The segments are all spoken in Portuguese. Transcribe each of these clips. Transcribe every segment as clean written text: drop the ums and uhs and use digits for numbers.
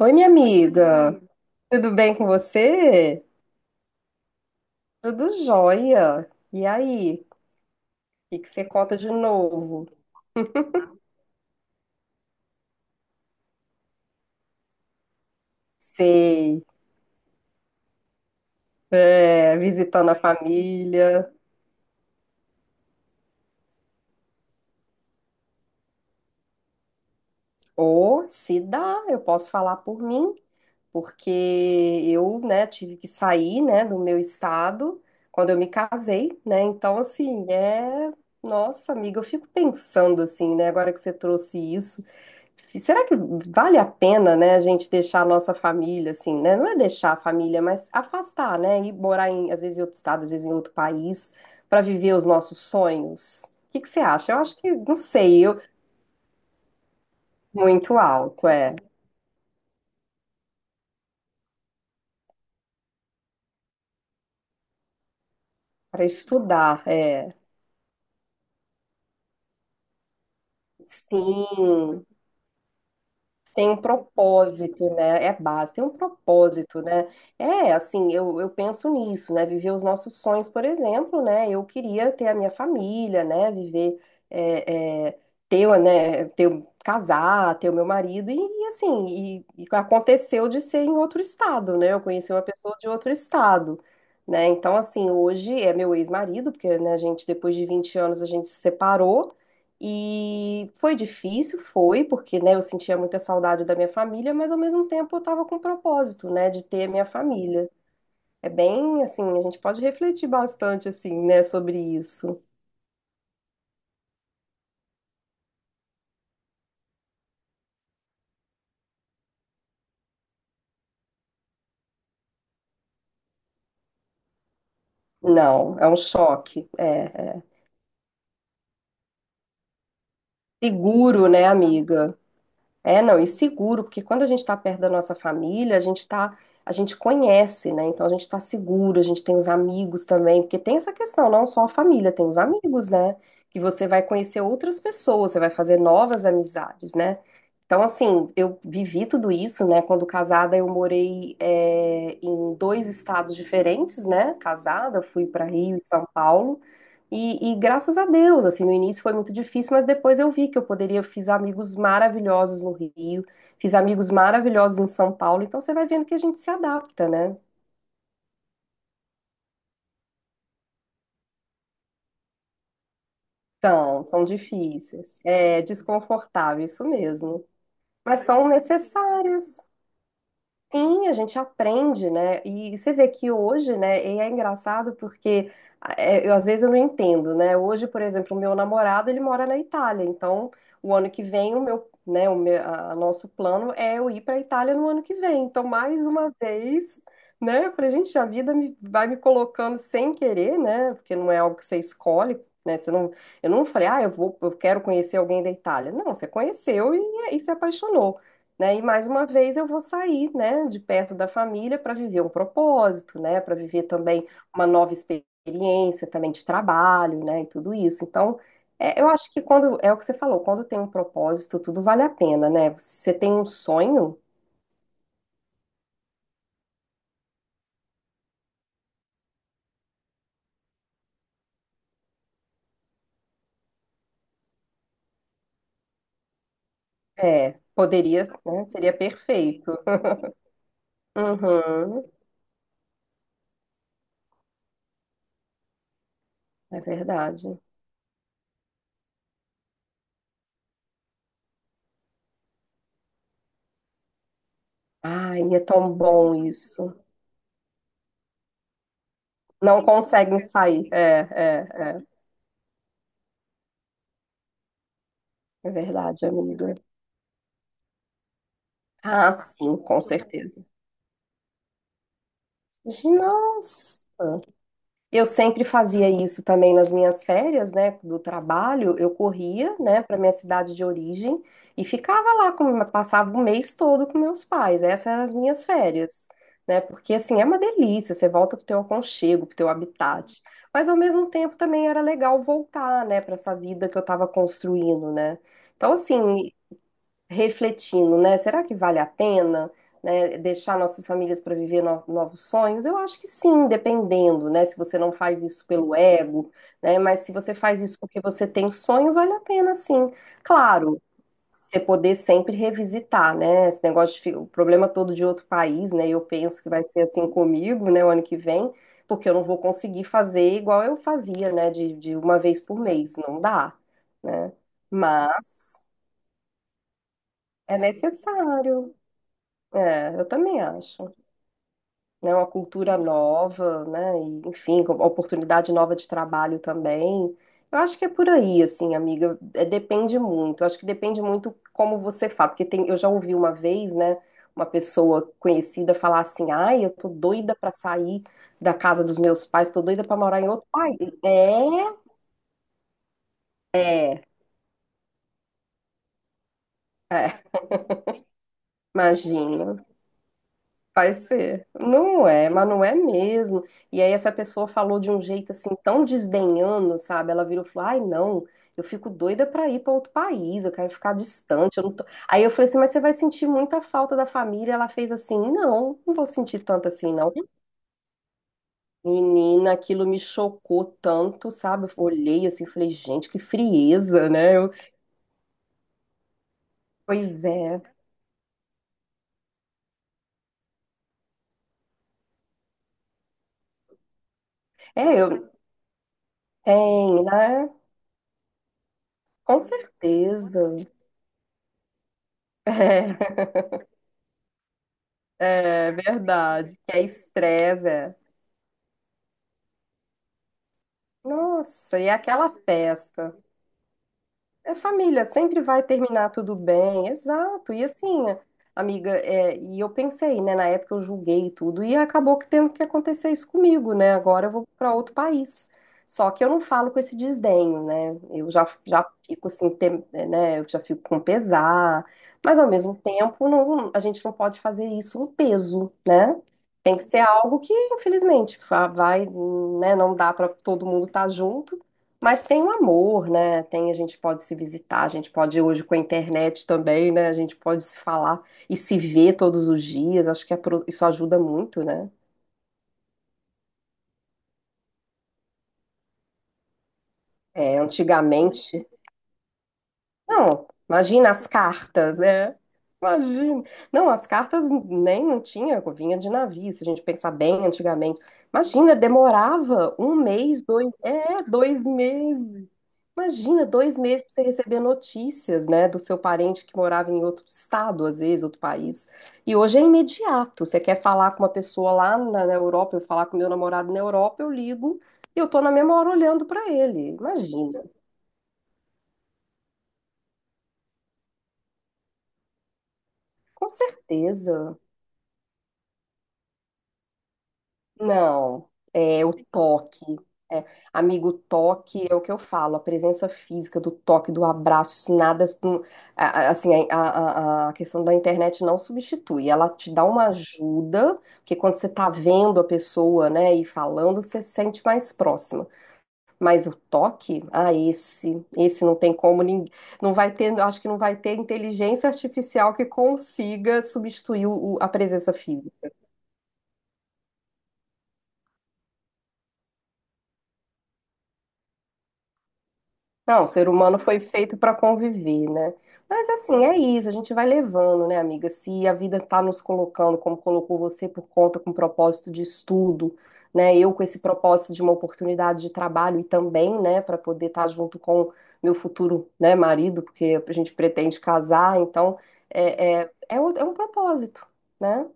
Oi, minha amiga. Tudo bem com você? Tudo jóia. E aí? O que que você conta de novo? Sei. É, visitando a família. Ou, se dá, eu posso falar por mim, porque eu, né, tive que sair, né, do meu estado quando eu me casei, né? Então, assim, Nossa, amiga, eu fico pensando assim, né? Agora que você trouxe isso. Será que vale a pena, né, a gente deixar a nossa família, assim, né? Não é deixar a família, mas afastar, né? E morar em, às vezes, em outro estado, às vezes em outro país, para viver os nossos sonhos. O que que você acha? Eu acho que, não sei. Muito alto, é. Para estudar, é. Sim. Tem um propósito, né? É a base, tem um propósito, né? É, assim, eu penso nisso, né? Viver os nossos sonhos, por exemplo, né? Eu queria ter a minha família, né? Viver, é, é, ter, né? Ter, um, casar, ter o meu marido, e assim, e aconteceu de ser em outro estado, né? Eu conheci uma pessoa de outro estado, né? Então, assim, hoje é meu ex-marido, porque, né, a gente, depois de 20 anos, a gente se separou. E foi difícil, foi, porque, né, eu sentia muita saudade da minha família, mas ao mesmo tempo eu estava com um propósito, né, de ter a minha família. É bem assim, a gente pode refletir bastante assim, né, sobre isso. Não, é um choque. É, é. Seguro, né, amiga? É, não, e seguro, porque quando a gente está perto da nossa família, a gente tá, a gente conhece, né? Então a gente está seguro, a gente tem os amigos também, porque tem essa questão, não só a família, tem os amigos, né? Que você vai conhecer outras pessoas, você vai fazer novas amizades, né? Então, assim, eu vivi tudo isso, né? Quando casada, eu morei, é, em dois estados diferentes, né? Casada, fui para Rio e São Paulo. E graças a Deus, assim, no início foi muito difícil, mas depois eu vi que eu poderia, fiz amigos maravilhosos no Rio, fiz amigos maravilhosos em São Paulo, então você vai vendo que a gente se adapta, né? Então, são difíceis, é desconfortável, isso mesmo, mas são necessárias. Sim, a gente aprende, né? E você vê que hoje, né, e é engraçado porque ah, é, eu, às vezes eu não entendo, né? Hoje, por exemplo, o meu namorado, ele mora na Itália, então o ano que vem o meu, né, o meu, a nosso plano é eu ir para a Itália no ano que vem. Então, mais uma vez, né, eu falei, gente, a vida me, vai me colocando sem querer, né? Porque não é algo que você escolhe, né? Você não, eu não falei, ah, eu vou, eu quero conhecer alguém da Itália. Não, você conheceu e se apaixonou, né? E mais uma vez eu vou sair, né, de perto da família para viver um propósito, né, para viver também uma nova experiência também de trabalho, né, e tudo isso. Então, é, eu acho que quando é o que você falou, quando tem um propósito, tudo vale a pena, né? Você tem um sonho, é, poderia, né, seria perfeito. Uhum, é verdade. Ai, é tão bom isso. Não conseguem sair. É, é, é. É verdade, amiga. Ah, sim, com certeza. Nossa! Eu sempre fazia isso também nas minhas férias, né, do trabalho. Eu corria, né, para minha cidade de origem e ficava lá, passava o mês todo com meus pais. Essas eram as minhas férias, né? Porque assim, é uma delícia, você volta pro teu aconchego, pro teu habitat. Mas ao mesmo tempo também era legal voltar, né, para essa vida que eu estava construindo, né? Então assim, refletindo, né? Será que vale a pena, né, deixar nossas famílias para viver novos sonhos? Eu acho que sim, dependendo, né? Se você não faz isso pelo ego, né? Mas se você faz isso porque você tem sonho, vale a pena, sim. Claro, você poder sempre revisitar, né? Esse negócio de o problema todo de outro país, né? Eu penso que vai ser assim comigo, né? O ano que vem, porque eu não vou conseguir fazer igual eu fazia, né? De uma vez por mês, não dá, né? Mas é necessário. É, eu também acho, né? Uma cultura nova, né? E, enfim, oportunidade nova de trabalho também. Eu acho que é por aí, assim, amiga. É, depende muito. Eu acho que depende muito como você fala, porque tem, eu já ouvi uma vez, né? Uma pessoa conhecida falar assim: "Ai, eu tô doida pra sair da casa dos meus pais, tô doida pra morar em outro país". É, é, é, imagina. Vai ser. Não é, mas não é mesmo. E aí essa pessoa falou de um jeito assim tão desdenhando, sabe? Ela virou e falou: "Ai, não, eu fico doida pra ir pra outro país, eu quero ficar distante, eu não tô". Aí eu falei assim: "Mas você vai sentir muita falta da família". Ela fez assim: "Não, não vou sentir tanto assim não". Menina, aquilo me chocou tanto, sabe? Eu olhei assim, e falei: "Gente, que frieza, né?". Eu, pois é. É, eu tem, né? Com certeza. É. É verdade. Que é estresse, é. Nossa, e é aquela festa? É família, sempre vai terminar tudo bem, exato. E assim, amiga, é, e eu pensei, né, na época eu julguei tudo e acabou que tendo que acontecer isso comigo, né? Agora eu vou para outro país. Só que eu não falo com esse desdenho, né? Eu já fico assim, né? Eu já fico com pesar, mas ao mesmo tempo não, a gente não pode fazer isso um peso, né? Tem que ser algo que, infelizmente, vai, né? Não dá para todo mundo estar junto. Mas tem o amor, né? Tem, a gente pode se visitar, a gente pode hoje com a internet também, né? A gente pode se falar e se ver todos os dias. Acho que é isso ajuda muito, né? É, antigamente, não, imagina as cartas, é. Imagina. Não, as cartas nem não tinha, vinha de navio, se a gente pensar bem antigamente. Imagina, demorava um mês, dois, é, dois meses. Imagina, dois meses para você receber notícias, né, do seu parente que morava em outro estado, às vezes, outro país. E hoje é imediato. Você quer falar com uma pessoa lá na Europa, eu falar com meu namorado na Europa, eu ligo e eu tô na mesma hora olhando para ele. Imagina, com certeza. Não, é o toque. É, amigo, o toque é o que eu falo, a presença física do toque, do abraço, isso nada, assim, a, a questão da internet não substitui, ela te dá uma ajuda, porque quando você tá vendo a pessoa, né, e falando, você se sente mais próxima, mas o toque, ah, esse não tem como, ninguém, não vai ter, eu acho que não vai ter inteligência artificial que consiga substituir a presença física. Não, o ser humano foi feito para conviver, né? Mas assim, é isso, a gente vai levando, né, amiga? Se a vida tá nos colocando, como colocou você, por conta com propósito de estudo, né? Eu com esse propósito de uma oportunidade de trabalho e também, né, para poder estar junto com meu futuro, né, marido, porque a gente pretende casar, então é é um propósito, né?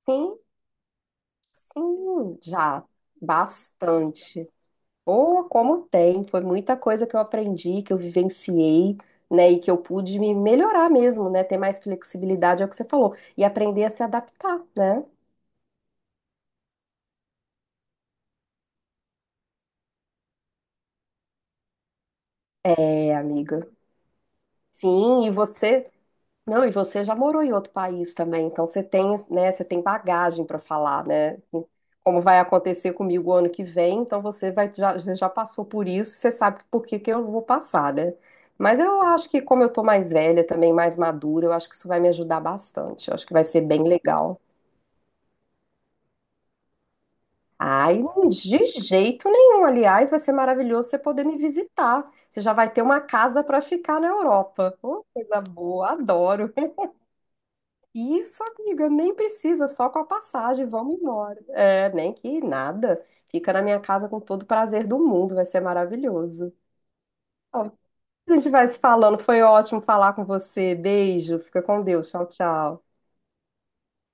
Sim, sim, já, bastante. Oh, como tem! Foi muita coisa que eu aprendi, que eu vivenciei, né? E que eu pude me melhorar mesmo, né? Ter mais flexibilidade, é o que você falou. E aprender a se adaptar, né? É, amiga. Sim, e você. Não, e você já morou em outro país também, então você tem, né, você tem bagagem para falar, né? Como vai acontecer comigo o ano que vem, então você vai, já, você já passou por isso, você sabe por que que eu vou passar, né? Mas eu acho que como eu tô mais velha também, mais madura, eu acho que isso vai me ajudar bastante. Eu acho que vai ser bem legal. Ai, de jeito nenhum. Aliás, vai ser maravilhoso você poder me visitar. Você já vai ter uma casa para ficar na Europa. Oh, coisa boa, adoro. Isso, amiga, nem precisa, só com a passagem, vamos embora. É, nem que nada. Fica na minha casa com todo o prazer do mundo, vai ser maravilhoso. Ó, a gente vai se falando, foi ótimo falar com você. Beijo, fica com Deus. Tchau, tchau.